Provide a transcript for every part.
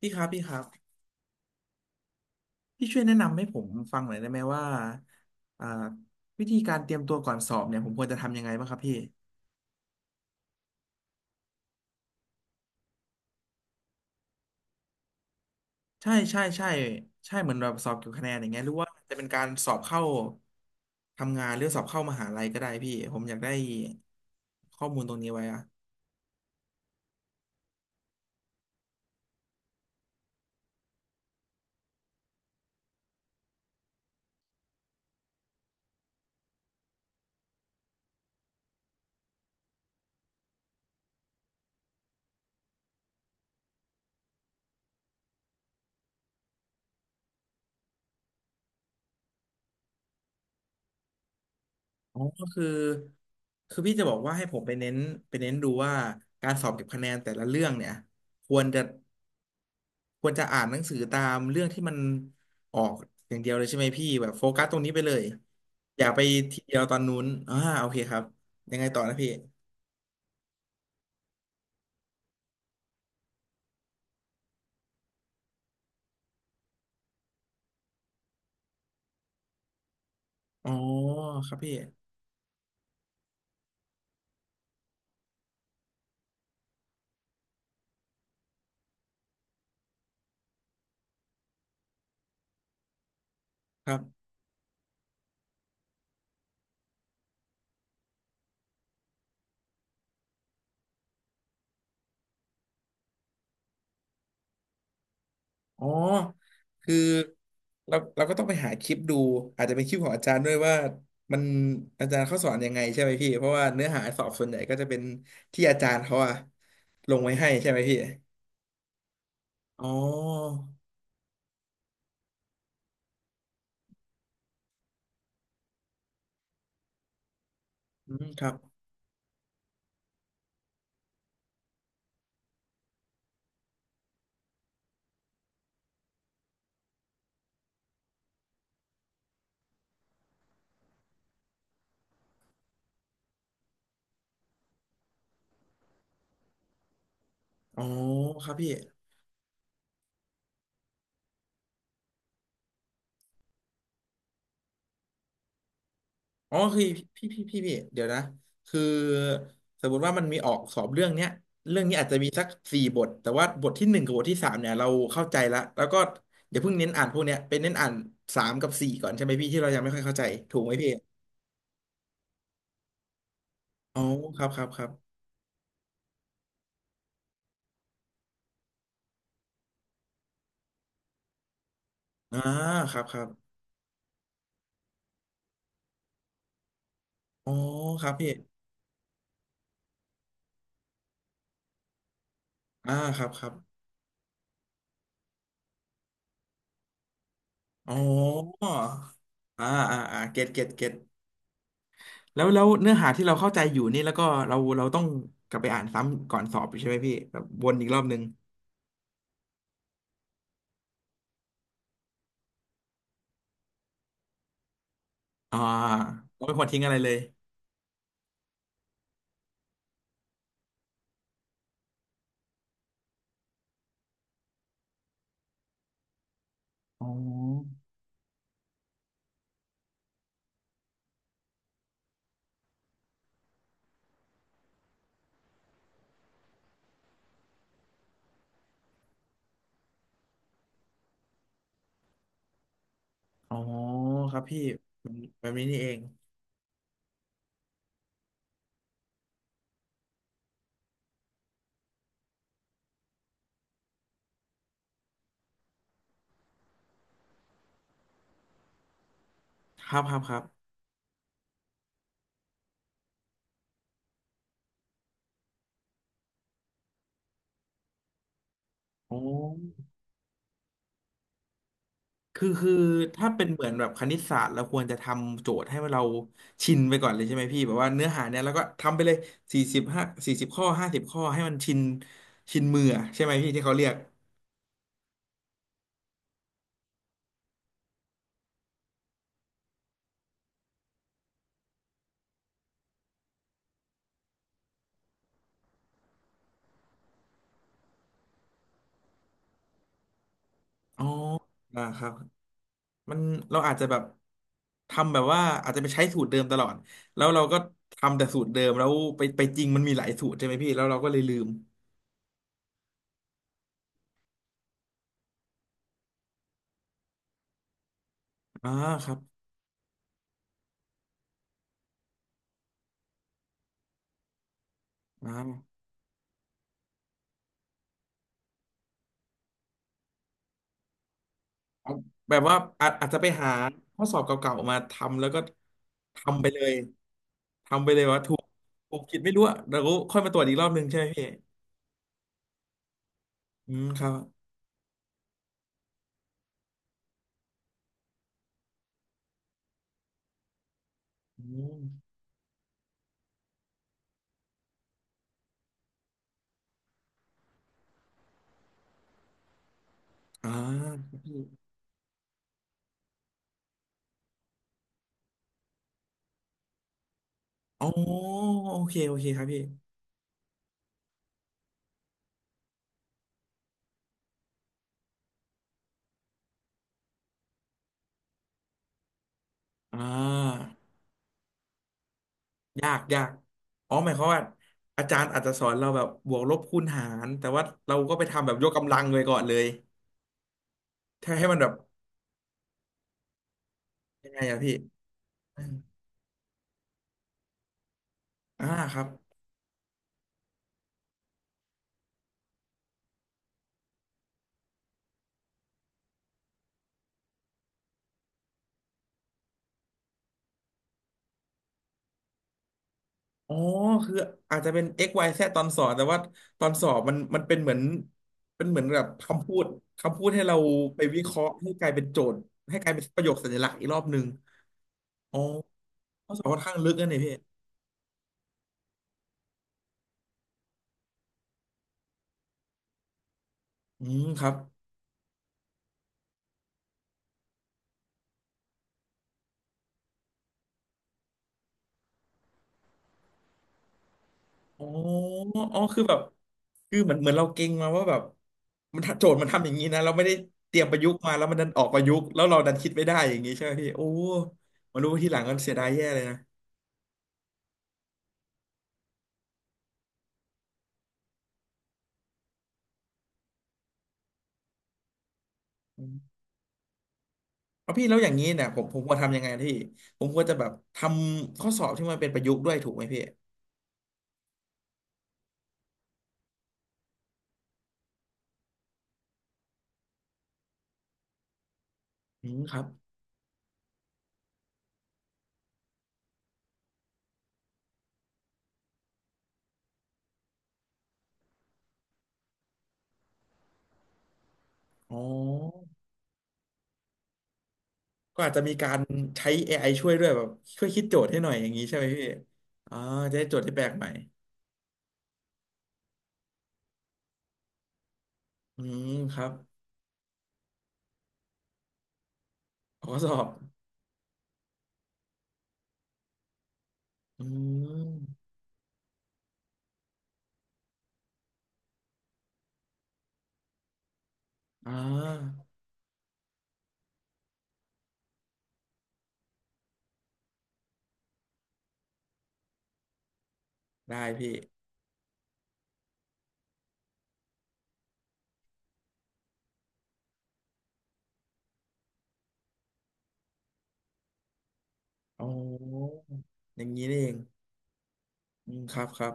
พี่ครับพี่ครับพี่ช่วยแนะนำให้ผมฟังหน่อยได้ไหมว่าอ่าวิธีการเตรียมตัวก่อนสอบเนี่ยผมควรจะทำยังไงบ้างครับพี่ใช่ใช่ใช่ใช่เหมือนแบบสอบเกี่ยวกับคะแนนอย่างเงี้ยหรือว่าจะเป็นการสอบเข้าทำงานหรือสอบเข้ามหาลัยก็ได้พี่ผมอยากได้ข้อมูลตรงนี้ไว้อะอ๋อก็คือคือพี่จะบอกว่าให้ผมไปเน้นไปเน้นดูว่าการสอบเก็บคะแนนแต่ละเรื่องเนี่ยควรจะ ควรจะอ่านหนังสือตามเรื่องที่มันออกอย่างเดียวเลยใช่ไหมพี่แบบโฟกัสตรงนี้ไปเลยอย่าไปทีเดียวตอนนู้นอ่าโอเคครับยังไงต่อนะพี่อ๋อครับพี่ครับอ๋อคือเราก็ต้องไปหาคลิปดูอาจจะเป็นคลิปของอาจารย์ด้วยว่ามันอาจารย์เขาสอนยังไงใช่ไหมพี่เพราะว่าเนื้อหาสอบส่วนใหญ่ก็จะเป็นที่อาจารย์เขาอะลงไว้ให้ใช่ไหมพี่อ๋ออืมครับอ๋อครับพี่ อ๋อคือพี่เดี๋ยวนะคือสมมติว่ามันมีออกสอบเรื่องเนี้ยเรื่องนี้อาจจะมีสัก4 บทแต่ว่าบทที่ 1กับบทที่ 3เนี่ยเราเข้าใจละแล้วก็อย่าเพิ่งเน้นอ่านพวกเนี้ยเป็นเน้นอ่านสามกับสี่ก่อนใช่ไหมพี่ที่เรายังไม่ค่อยเข้าใจถูกไหมพี่อ๋อครับครับครับอ่าครับครับอ๋อครับพี่อ่าครับครับอ๋ออ่าอ่าอ่าเก็ตเก็ตเก็ตแล้วแล้วเนื้อหาที่เราเข้าใจอยู่นี่แล้วก็เราต้องกลับไปอ่านซ้ำก่อนสอบอยู่ใช่ไหมพี่แบบวนอีกรอบนึง อ่าเราไม่ควรทิ้งอะไรเลยอ๋ออ๋อครับพี่แบบแบบนี้นี่เองครับครับครับอ๋อคือถ้าเป็นเหมือนแบบคณิตศาสตร์เราควรจะทำโจทย์ให้เราชินไปก่อนเลยใช่ไหมพี่แบบว่าเนื้อหาเนี่ยแล้วก็ทำไปเลย4540 ข้อ50 ข้อให้มันชินชินมืออะใช่ไหมพี่ที่เขาเรียกอ๋ออ่าครับ มันเราอาจจะแบบทำแบบว่าอาจจะใช้สูตรเดิมตลอดแล้วเราก็ทำแต่สูตรเดิมแล้วไปไปจริงมันมีหลายสูตรใช่ไหมพี่แล้วเราก็เลยลืมอ่าครับอ่าเอาแบบว่าอาจจะไปหาข้อสอบเก่าๆมาทำแล้วก็ทำไปเลยทำไปเลยว่าถูกถูกผิดไม่รู้อะแล้วก็ค่อยมาตรวจอีกรอบหนึ่งใช่ไหมพี่อืมครับอืมอ่าครับพี่อ๋อโอเคโอเคครับพี่อ่า ยากยากอ๋อหมายความว่าอาจารย์อาจจะสอนเราแบบบวกลบคูณหารแต่ว่าเราก็ไปทำแบบยกกำลังไว้ก่อนเลยถ้าให้มันแบบยังไงอะพี่อืมอ่าครับอ๋อคืออาจจะเป็น x y z ตอนสอนแต่ว่าตอนสอบมันเป็นเหมือนเป็นเหมือนแบบคำพูดคำพูดให้เราไปวิเคราะห์ให้กลายเป็นโจทย์ให้กลายเป็นประโยคสัญลักษณ์อีกรอบหนึ่งอ๋อข้อสอบค่อนข้างลึกนะเนี่ยพี่อืมครับ อ๋ออ๋อ คือแบบคือเหมือนเหมือนเราเก่งมาว่าแบบมันโจทย์มันทำอย่างนี้นะ เราไม่ได้เตรียมประยุกต์มาแล้วมันดันออกประยุกต์แล้วเราดันคิดไม่ได้อย่างนี้ใช่ไหมพี่โอ้ มารู้ทีหลังก็เสียดายแย่เลยนะอืมเอาพี่แล้วอย่างนี้เนี่ยผมควรทำยังไงพี่ผมควรจะแบบทำข้อสอบที่มันเป็นประยุกต์ด้วยถูกไหมพี่อืมครับ อ๋อก็อาจจะมีการใช้AIช่วยด้วยแบบช่วยคิดโจทย์ให้หน่อยอย่างนี้ใช่ไหมพี่อ่าจะได้โจทย์ที่แปลกใหม่อืมครับข้อสอบอืม อ่าได้พี่โอ้ออย่างนี้นี่เองอืมครับครับ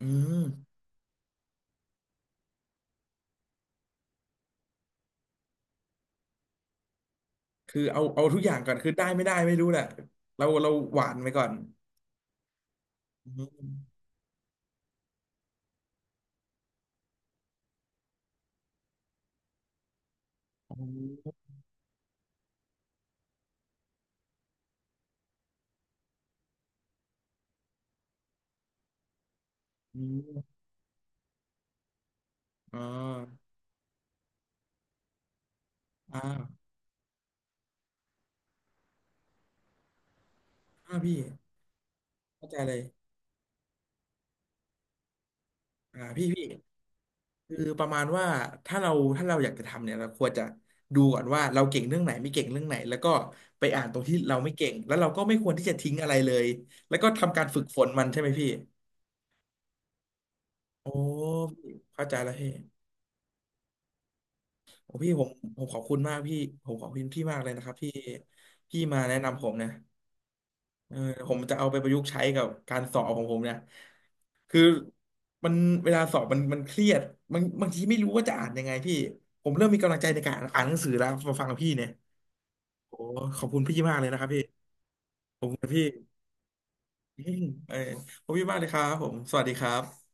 อืมคือเอาทุกอย่างก่อนคือได้ไม่ได้ไม่รู้แหละเราหวานไปก่อนอืมโออืมอาอ่าอ่าพี่เข้าใจเลยอ่าพี่พี่คือประมาณว่าถ้าเราถ้าเราอยากจะทำเนี่ยเราควรจะดูก่อนว่าเราเก่งเรื่องไหนไม่เก่งเรื่องไหนแล้วก็ไปอ่านตรงที่เราไม่เก่งแล้วเราก็ไม่ควรที่จะทิ้งอะไรเลยแล้วก็ทำการฝึกฝนมันใช่ไหมพี่ โอ้พี่เข้าใจแล้วพี่โอ้พี่ผมขอบคุณมากพี่ผมขอบคุณพี่มากเลยนะครับที่พี่มาแนะนำผมเนี่ยเออผมจะเอาไปประยุกต์ใช้กับการสอบของผมเนี่ยคือมันเวลาสอบมันมันเครียดบางทีไม่รู้ว่าจะอ่านยังไงพี่ผมเริ่มมีกำลังใจในการอ่านหนังสือแล้วมาฟังพี่เนี่ยโอ้ขอบคุณพี่มากเลยนะครับพี่ขอบคุณพี่อืมเออขอบคุณพี่มากเลยครับผมสวัสดีครับ